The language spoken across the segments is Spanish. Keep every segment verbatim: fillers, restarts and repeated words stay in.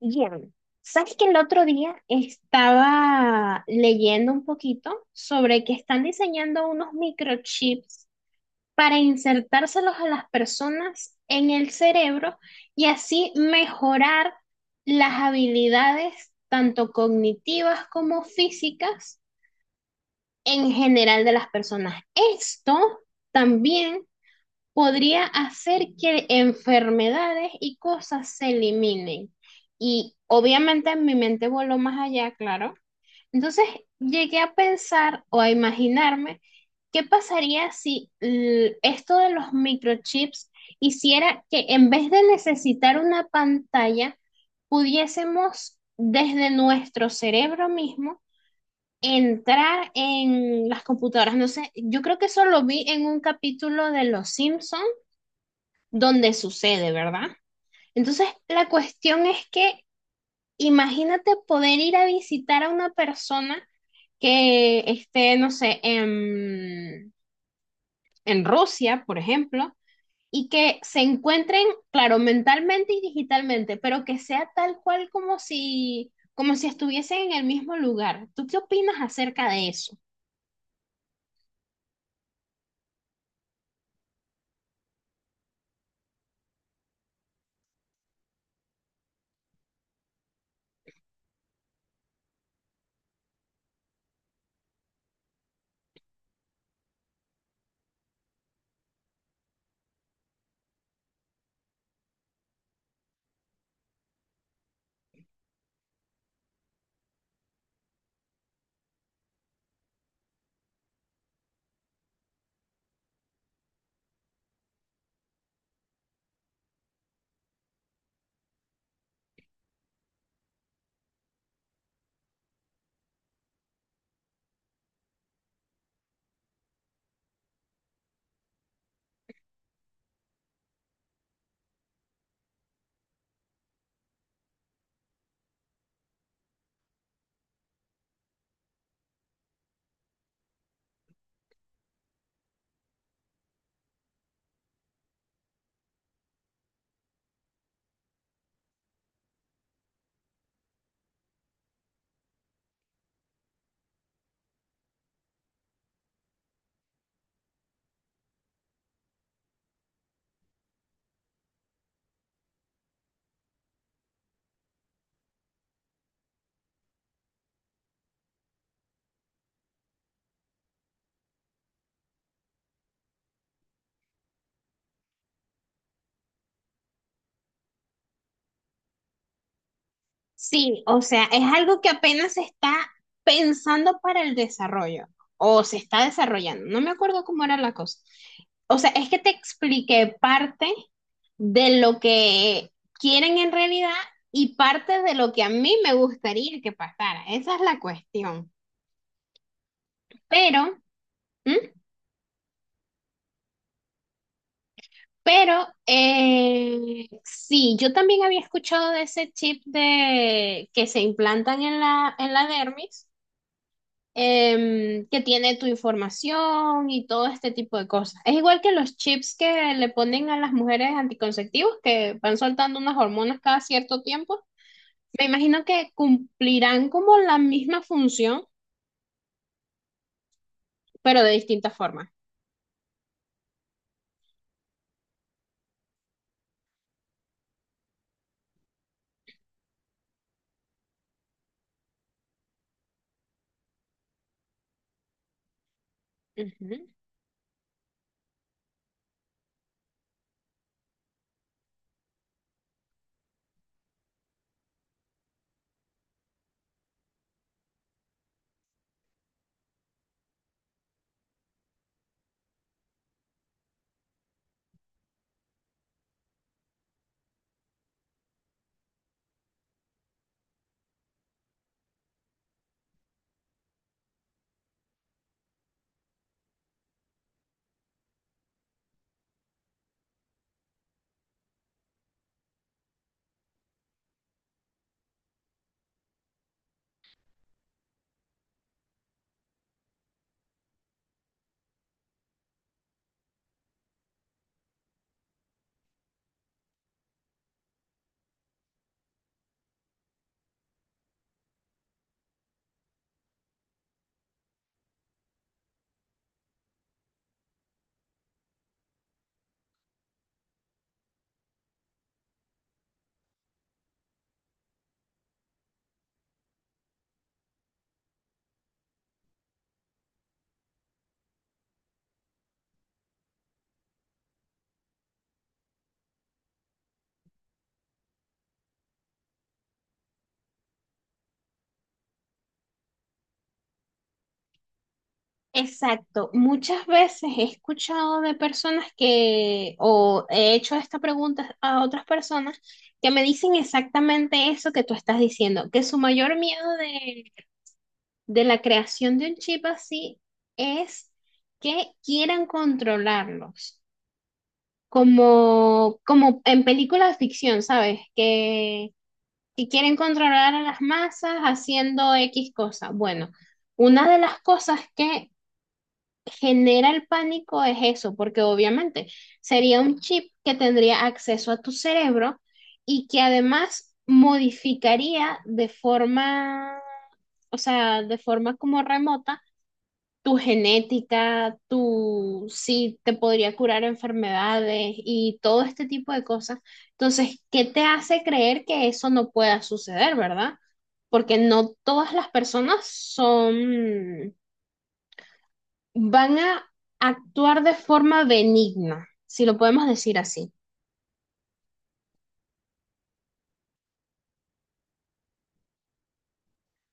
Bien, sabes que el otro día estaba leyendo un poquito sobre que están diseñando unos microchips para insertárselos a las personas en el cerebro y así mejorar las habilidades tanto cognitivas como físicas en general de las personas. Esto también podría hacer que enfermedades y cosas se eliminen. Y obviamente mi mente voló más allá, claro. Entonces llegué a pensar o a imaginarme qué pasaría si l- esto de los microchips hiciera que, en vez de necesitar una pantalla, pudiésemos desde nuestro cerebro mismo entrar en las computadoras. No sé, yo creo que eso lo vi en un capítulo de Los Simpsons donde sucede, ¿verdad? Entonces, la cuestión es que imagínate poder ir a visitar a una persona que esté, no sé, en, en, Rusia, por ejemplo, y que se encuentren, claro, mentalmente y digitalmente, pero que sea tal cual como si, como si estuviesen en el mismo lugar. ¿Tú qué opinas acerca de eso? Sí, o sea, es algo que apenas se está pensando para el desarrollo o se está desarrollando. No me acuerdo cómo era la cosa. O sea, es que te expliqué parte de lo que quieren en realidad y parte de lo que a mí me gustaría que pasara. Esa es la cuestión. Pero, ¿Mm? pero, eh, sí, yo también había escuchado de ese chip de que se implantan en la, en la dermis. Em, que tiene tu información y todo este tipo de cosas. Es igual que los chips que le ponen a las mujeres anticonceptivos, que van soltando unas hormonas cada cierto tiempo. Me imagino que cumplirán como la misma función, pero de distintas formas. Ujú. Exacto. Muchas veces he escuchado de personas que, o he hecho esta pregunta a otras personas, que me dicen exactamente eso que tú estás diciendo, que su mayor miedo de de la creación de un chip así es que quieran controlarlos, como, como en películas de ficción, ¿sabes? Que, que quieren controlar a las masas haciendo X cosa. Bueno, una de las cosas que genera el pánico es eso, porque obviamente sería un chip que tendría acceso a tu cerebro y que además modificaría de forma, o sea, de forma como remota tu genética, tu si te podría curar enfermedades y todo este tipo de cosas. Entonces, ¿qué te hace creer que eso no pueda suceder, verdad? Porque no todas las personas son, van a actuar de forma benigna, si lo podemos decir así.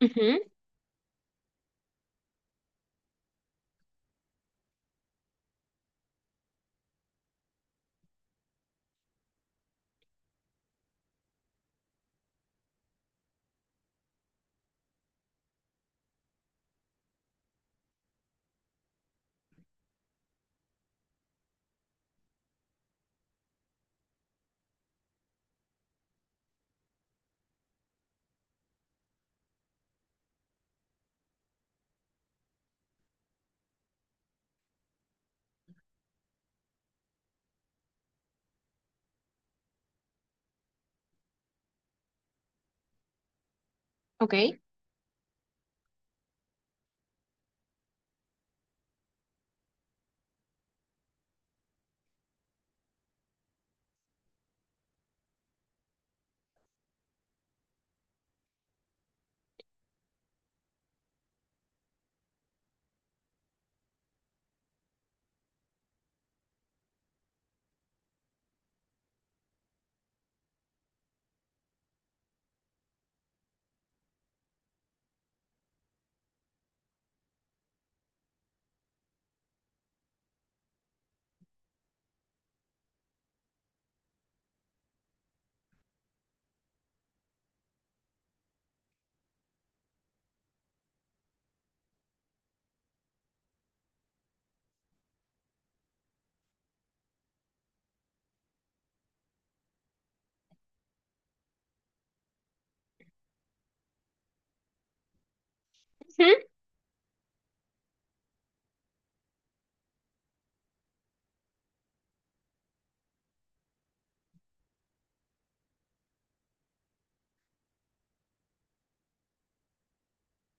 Ujú, ok.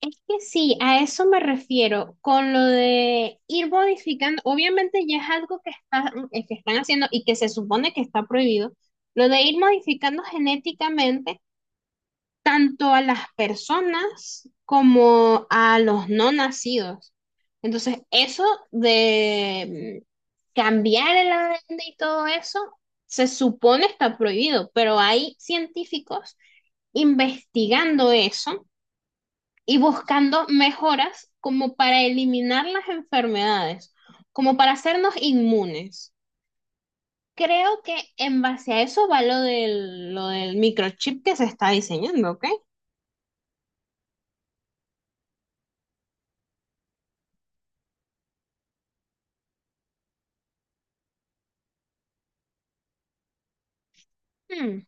Es que sí, a eso me refiero, con lo de ir modificando, obviamente ya es algo que está- eh, que están haciendo y que se supone que está prohibido, lo de ir modificando genéticamente tanto a las personas como a los no nacidos. Entonces, eso de mm, cambiar el A D N y todo eso, se supone está prohibido, pero hay científicos investigando eso y buscando mejoras como para eliminar las enfermedades, como para hacernos inmunes. Creo que en base a eso va lo del, lo del microchip que se está diseñando, ¿ok? Hmm,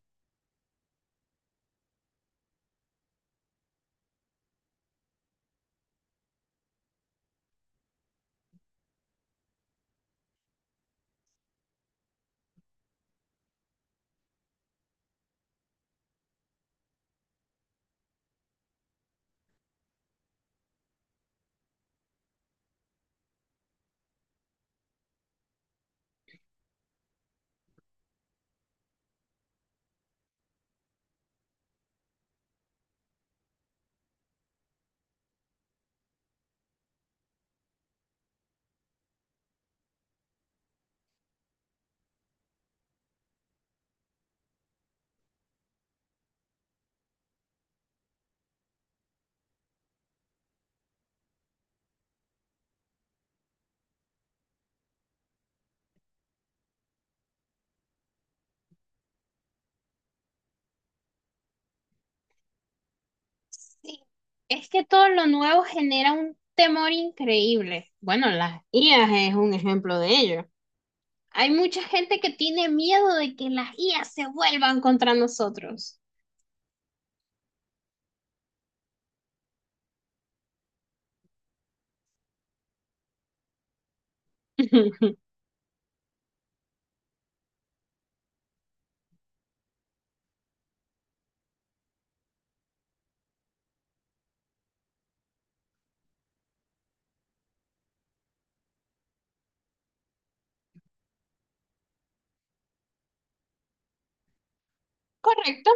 sí, es que todo lo nuevo genera un temor increíble. Bueno, las I As es un ejemplo de ello. Hay mucha gente que tiene miedo de que las I As se vuelvan contra nosotros. Correcto.